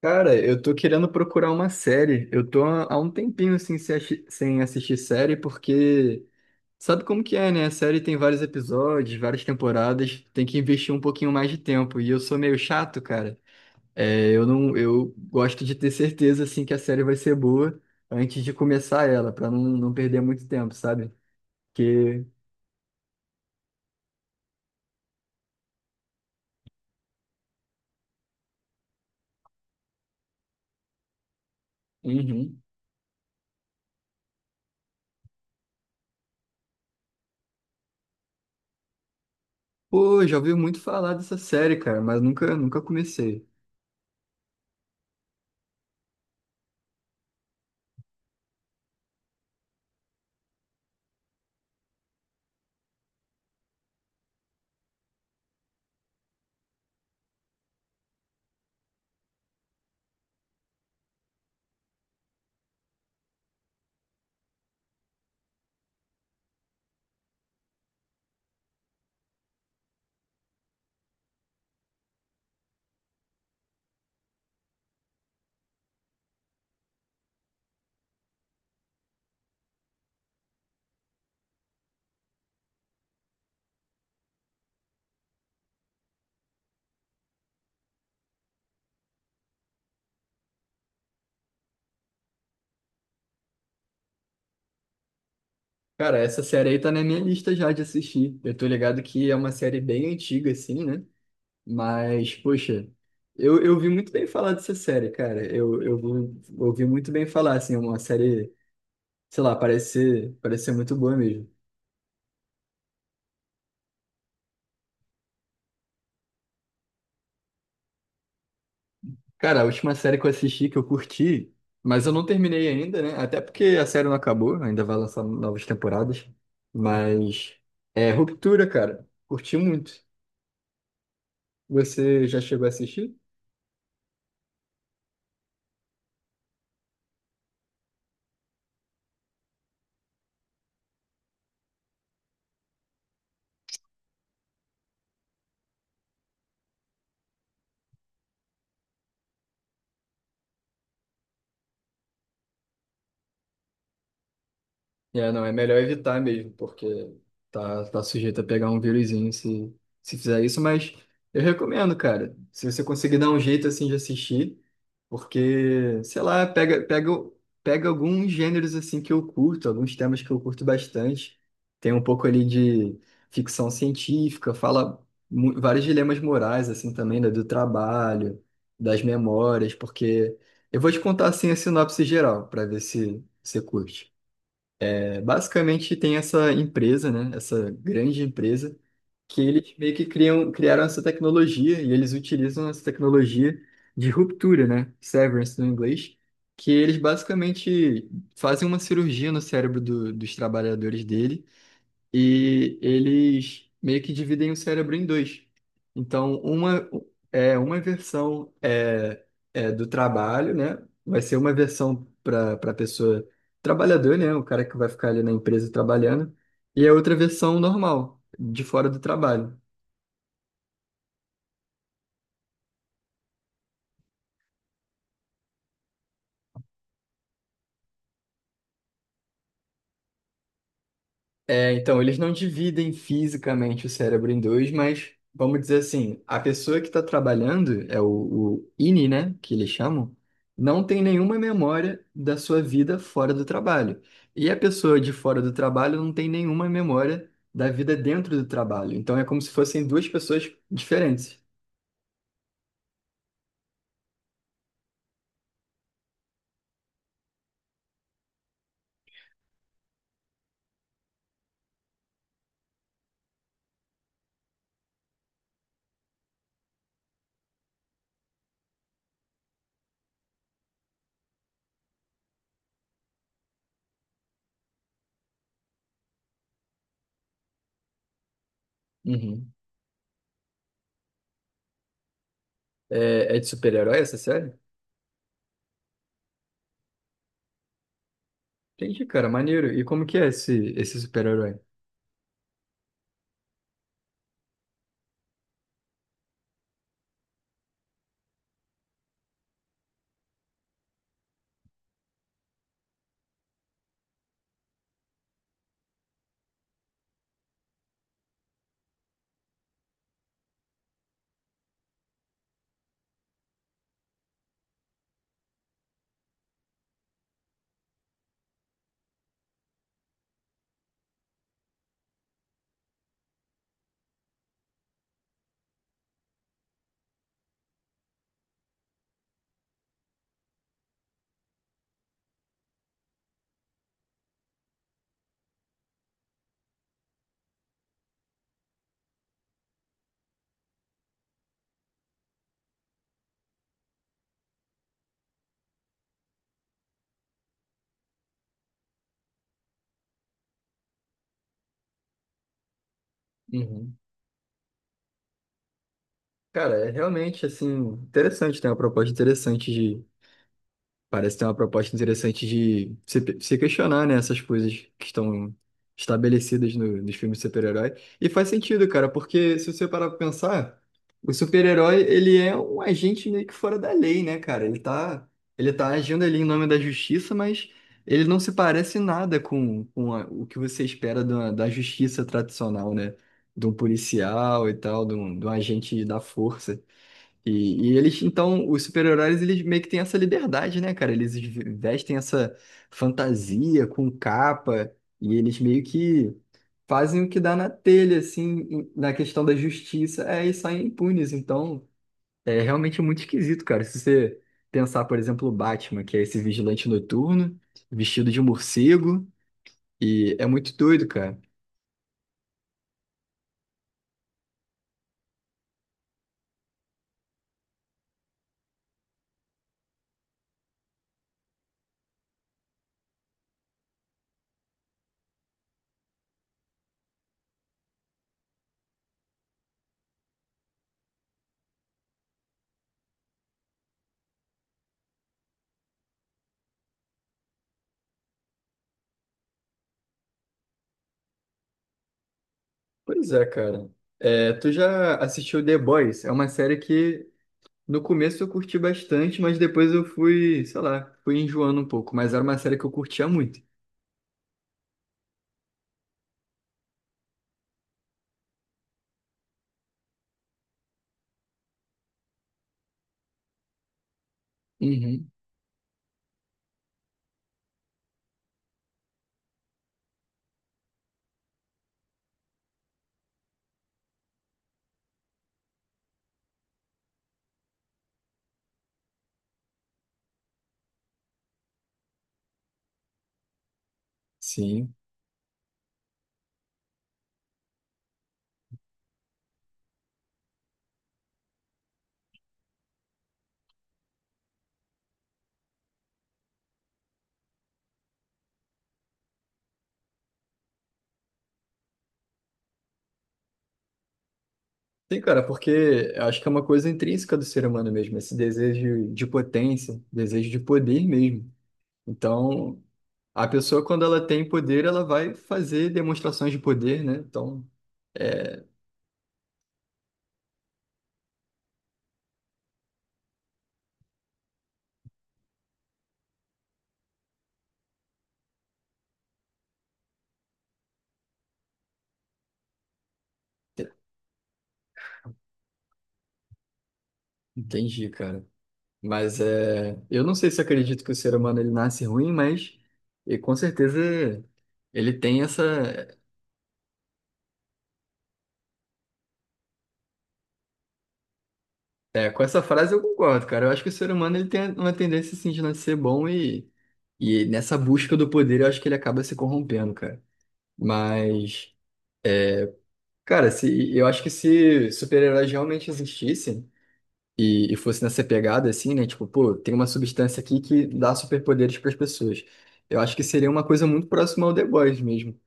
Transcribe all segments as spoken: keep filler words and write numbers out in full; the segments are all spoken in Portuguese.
Cara, eu tô querendo procurar uma série. Eu tô há há um tempinho assim, sem assi- sem assistir série, porque sabe como que é, né? A série tem vários episódios, várias temporadas, tem que investir um pouquinho mais de tempo. E eu sou meio chato, cara. É, eu não, Eu gosto de ter certeza assim que a série vai ser boa antes de começar ela, pra não, não perder muito tempo, sabe? Porque, uhum, pô, já ouvi muito falar dessa série, cara, mas nunca, nunca comecei. Cara, essa série aí tá na minha lista já de assistir. Eu tô ligado que é uma série bem antiga, assim, né? Mas, poxa, eu, eu vi muito bem falar dessa série, cara. Eu, eu ouvi ouvi muito bem falar, assim, é uma série, sei lá, parece ser, parece ser muito boa mesmo. Cara, a última série que eu assisti, que eu curti, mas eu não terminei ainda, né? Até porque a série não acabou, ainda vai lançar novas temporadas. Mas, é Ruptura, cara. Curti muito. Você já chegou a assistir? É, não, é melhor evitar mesmo, porque tá, tá sujeito a pegar um vírusinho se, se fizer isso, mas eu recomendo, cara. Se você conseguir dar um jeito assim de assistir, porque, sei lá, pega, pega, pega alguns gêneros assim que eu curto, alguns temas que eu curto bastante. Tem um pouco ali de ficção científica, fala mu- vários dilemas morais, assim, também, né, do trabalho, das memórias, porque eu vou te contar assim a sinopse geral, para ver se você curte. É, basicamente tem essa empresa, né? Essa grande empresa que eles meio que criam, criaram essa tecnologia e eles utilizam essa tecnologia de ruptura, né? Severance no inglês, que eles basicamente fazem uma cirurgia no cérebro do- dos trabalhadores dele e eles meio que dividem o cérebro em dois. Então, uma é uma versão é, é do trabalho, né? Vai ser uma versão para para pessoa trabalhador, né? O cara que vai ficar ali na empresa trabalhando, e a outra versão normal, de fora do trabalho. É, então, eles não dividem fisicamente o cérebro em dois, mas vamos dizer assim, a pessoa que está trabalhando, é o, o I N I, né, que eles chamam, não tem nenhuma memória da sua vida fora do trabalho. E a pessoa de fora do trabalho não tem nenhuma memória da vida dentro do trabalho. Então é como se fossem duas pessoas diferentes. Uhum. É, é de super-herói essa série? Entendi, cara, maneiro. E como que é esse, esse super-herói? Uhum. Cara, é realmente assim, interessante, tem uma proposta interessante de. Parece ter uma proposta interessante de se, se questionar, né, essas coisas que estão estabelecidas no- nos filmes de super-herói. E faz sentido, cara, porque se você parar pra pensar, o super-herói, ele é um agente meio que fora da lei, né, cara? Ele tá, ele tá agindo ali em nome da justiça, mas ele não se parece nada com, com a o que você espera da, da justiça tradicional, né? De um policial e tal, de um de um agente da força. E, e eles, então, os super-heróis, eles meio que têm essa liberdade, né, cara? Eles v- vestem essa fantasia com capa e eles meio que fazem o que dá na telha, assim, em- na questão da justiça, é, e saem impunes. Então, é realmente muito esquisito, cara. Se você pensar, por exemplo, o Batman, que é esse vigilante noturno, vestido de morcego, e é muito doido, cara. Pois é, cara. É, tu já assistiu The Boys? É uma série que no começo eu curti bastante, mas depois eu fui, sei lá, fui enjoando um pouco. Mas era uma série que eu curtia muito. Uhum. Sim. Sim, cara, porque eu acho que é uma coisa intrínseca do ser humano mesmo, esse desejo de potência, desejo de poder mesmo. Então, a pessoa, quando ela tem poder, ela vai fazer demonstrações de poder, né? Então, entendi, cara. Mas é, eu não sei se acredito que o ser humano ele nasce ruim, mas e com certeza ele tem essa. É, com essa frase eu concordo, cara. Eu acho que o ser humano ele tem uma tendência assim de não ser bom e, e nessa busca do poder eu acho que ele acaba se corrompendo, cara. Mas, cara, se, eu acho que se super-heróis realmente existissem e, e fosse nessa pegada assim, né? Tipo, pô, tem uma substância aqui que dá superpoderes para as pessoas. Eu acho que seria uma coisa muito próxima ao The Boys mesmo,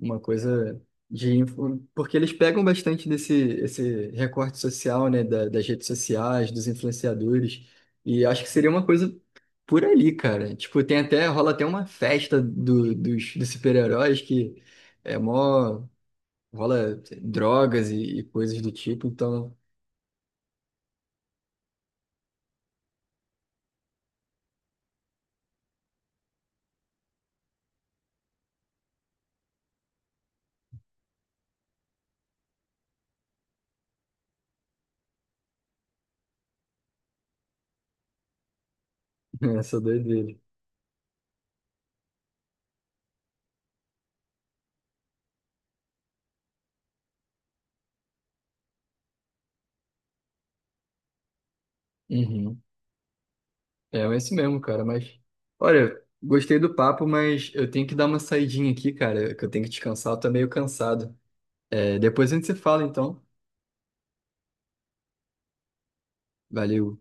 uma coisa de influ... porque eles pegam bastante desse esse recorte social, né, da- das redes sociais, dos influenciadores, e acho que seria uma coisa por ali, cara. Tipo, tem até rola até uma festa do, dos, dos super-heróis que é mó rola drogas e, e coisas do tipo, então essa doideira. Uhum. É, é isso mesmo, cara, mas olha, gostei do papo, mas eu tenho que dar uma saidinha aqui, cara, que eu tenho que descansar, eu tô meio cansado. É, depois a gente se fala, então. Valeu.